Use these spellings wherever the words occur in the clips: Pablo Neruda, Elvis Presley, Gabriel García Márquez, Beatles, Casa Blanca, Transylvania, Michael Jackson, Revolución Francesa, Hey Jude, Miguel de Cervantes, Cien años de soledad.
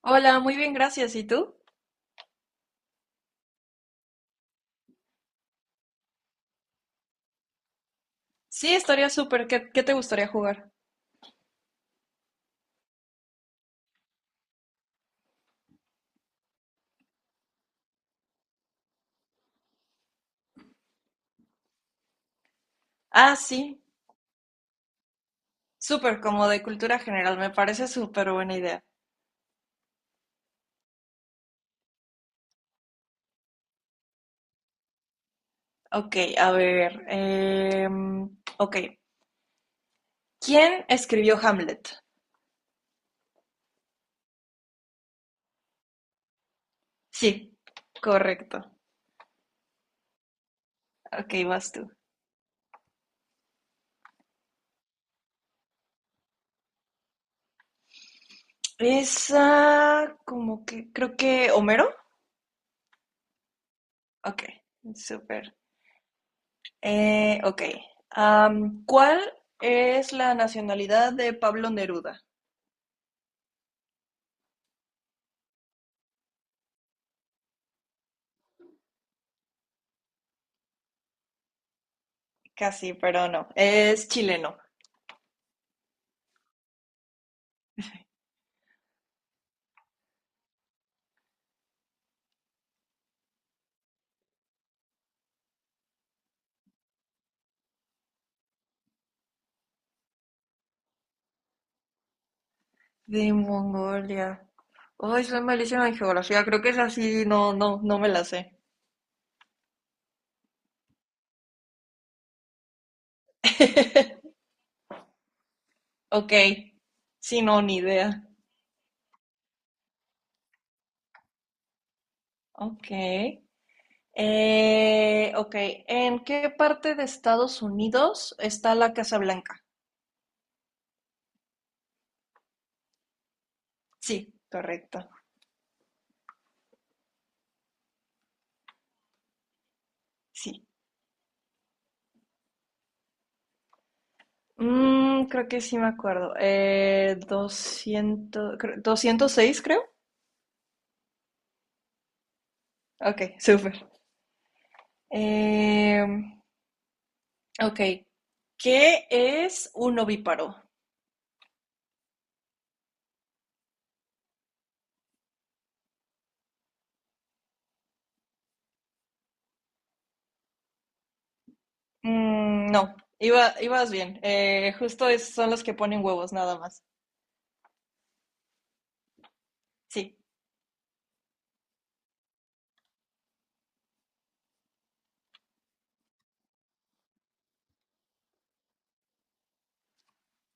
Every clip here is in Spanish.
Hola, muy bien, gracias. ¿Y tú? Sí, estaría súper. ¿Qué te gustaría jugar? Ah, sí, súper, como de cultura general. Me parece súper buena idea. Ok, a ver. Ok, ¿quién escribió Hamlet? Sí, correcto. Ok, vas tú. Esa, como que, creo que Homero. Ok, súper. Ok, ¿cuál es la nacionalidad de Pablo Neruda? Casi, pero no. Es chileno. De Mongolia. Ay, soy malísima en geografía. Creo que es así. No, no, no me la sé. Ok. Sí, no, ni idea. Ok. Ok. ¿En qué parte de Estados Unidos está la Casa Blanca? Sí, correcto. Sí. Creo que sí me acuerdo. 206, creo. Ok, súper. Eh, ok. ¿Qué es un ovíparo? No, iba, ibas bien. Justo son los que ponen huevos, nada más. Sí.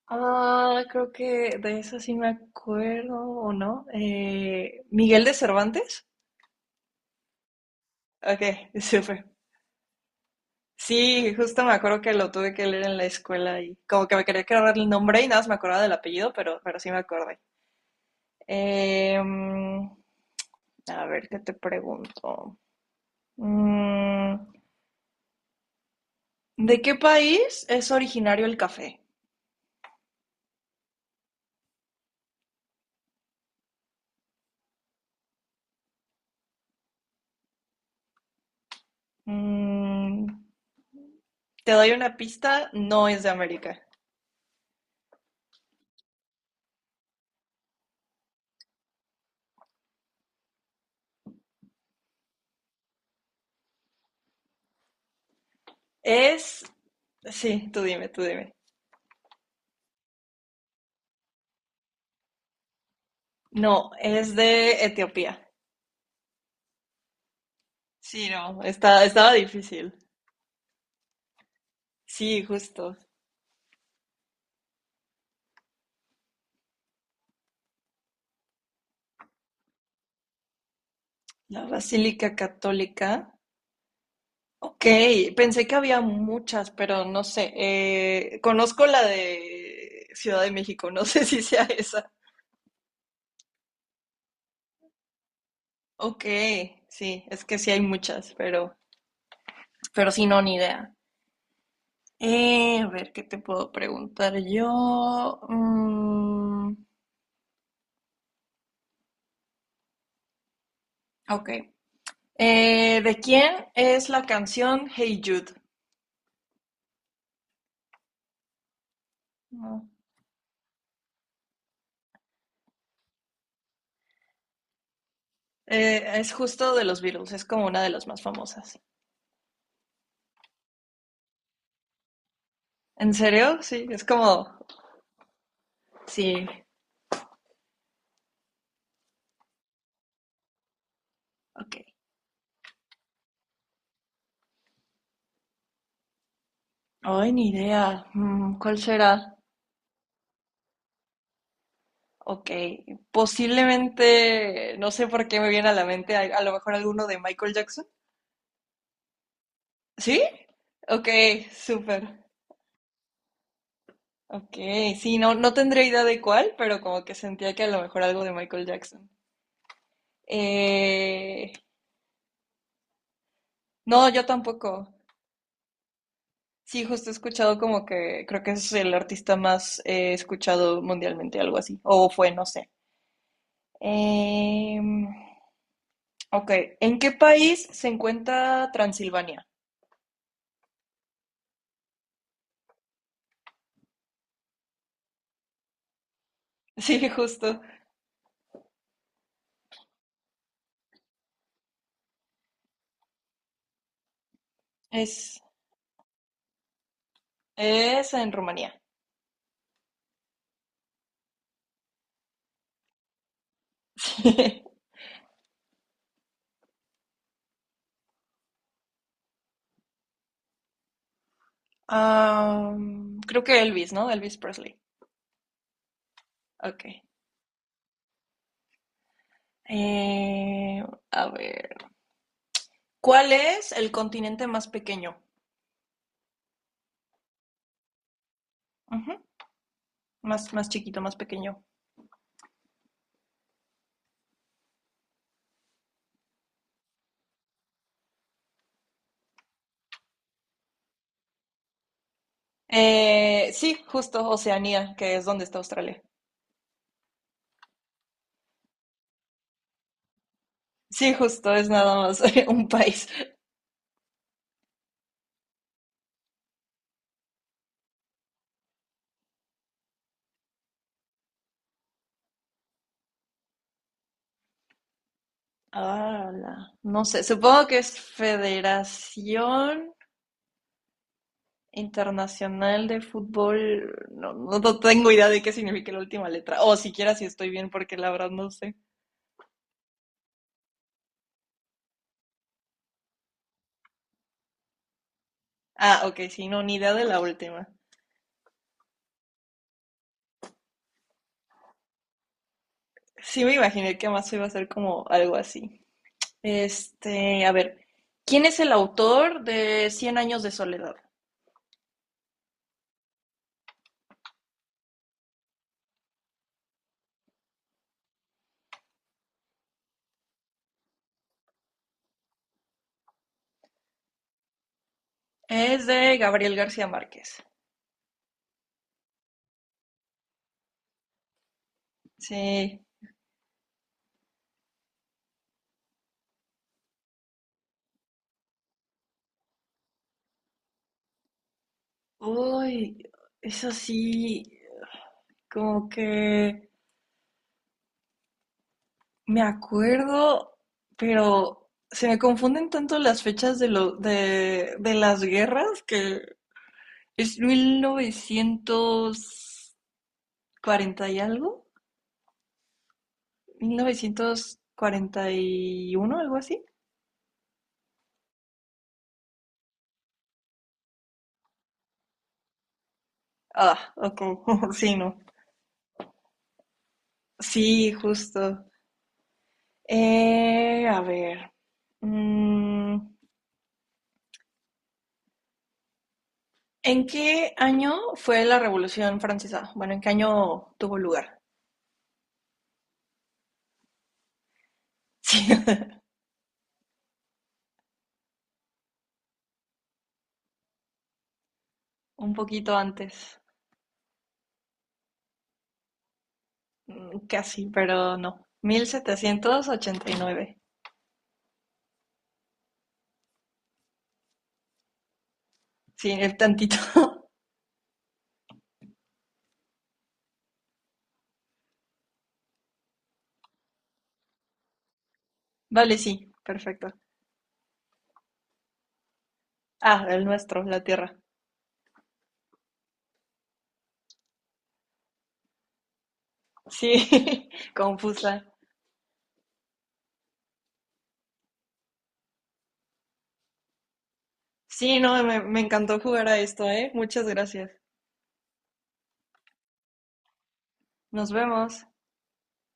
Ah, creo que de eso sí me acuerdo, ¿o no? ¿Miguel de Cervantes? Ok, súper. Sí, justo me acuerdo que lo tuve que leer en la escuela y como que me quería quedar el nombre y nada más me acordaba del apellido, pero sí me acordé. Em, a ver, ¿qué te pregunto? Mm, ¿De qué país es originario el café? Mm, Te doy una pista, no es de América. Es, sí, tú dime, tú dime. No, es de Etiopía. Sí, no, está, estaba difícil. Sí, justo. La Basílica Católica. Ok, pensé que había muchas, pero no sé. Conozco la de Ciudad de México, no sé si sea esa. Ok, sí, es que sí hay muchas, pero sí, no, ni idea. A ver, ¿qué te puedo preguntar yo? Ok. ¿De quién es la canción Hey Jude? No. Es justo de los Beatles, es como una de las más famosas. ¿En serio? Sí, es como. Sí, ok. Ay, ni idea. ¿Cuál será? Ok, posiblemente, no sé por qué me viene a la mente, a lo mejor alguno de Michael Jackson. ¿Sí? Ok, súper. Ok, sí, no, no tendría idea de cuál, pero como que sentía que a lo mejor algo de Michael Jackson. Eh, No, yo tampoco. Sí, justo he escuchado como que creo que es el artista más escuchado mundialmente, algo así. O fue, no sé. Em, ok, ¿en qué país se encuentra Transilvania? Sí, justo. Es, es en Rumanía. Creo que Elvis, ¿no? Elvis Presley. Ok. Eh, a ver. ¿Cuál es el continente más pequeño? Ujú, más, más chiquito, más pequeño. Sí, justo Oceanía, que es donde está Australia. Sí, justo, es nada más un país. Ah, no sé, supongo que es Federación Internacional de Fútbol. No, no, no tengo idea de qué significa la última letra. O siquiera si estoy bien, porque la verdad no sé. Ah, ok, sí, no, ni idea de la última. Sí, me imaginé que más iba a ser como algo así. A ver, ¿quién es el autor de Cien años de soledad? Es de Gabriel García Márquez. Sí, uy, eso sí, como que me acuerdo, pero se me confunden tanto las fechas de las guerras que es mil novecientos cuarenta y algo, 1941, algo así. Ah, ok, sí, no. Sí, justo. A ver. mm, ¿En qué año fue la Revolución Francesa? Bueno, ¿en qué año tuvo lugar? Sí, un poquito antes. Casi, pero no. 1789. Sí, el tantito. Vale, sí, perfecto. Ah, el nuestro, la Tierra. Sí, confusa. Sí, no, me encantó jugar a esto, ¿eh? Muchas gracias. Nos vemos.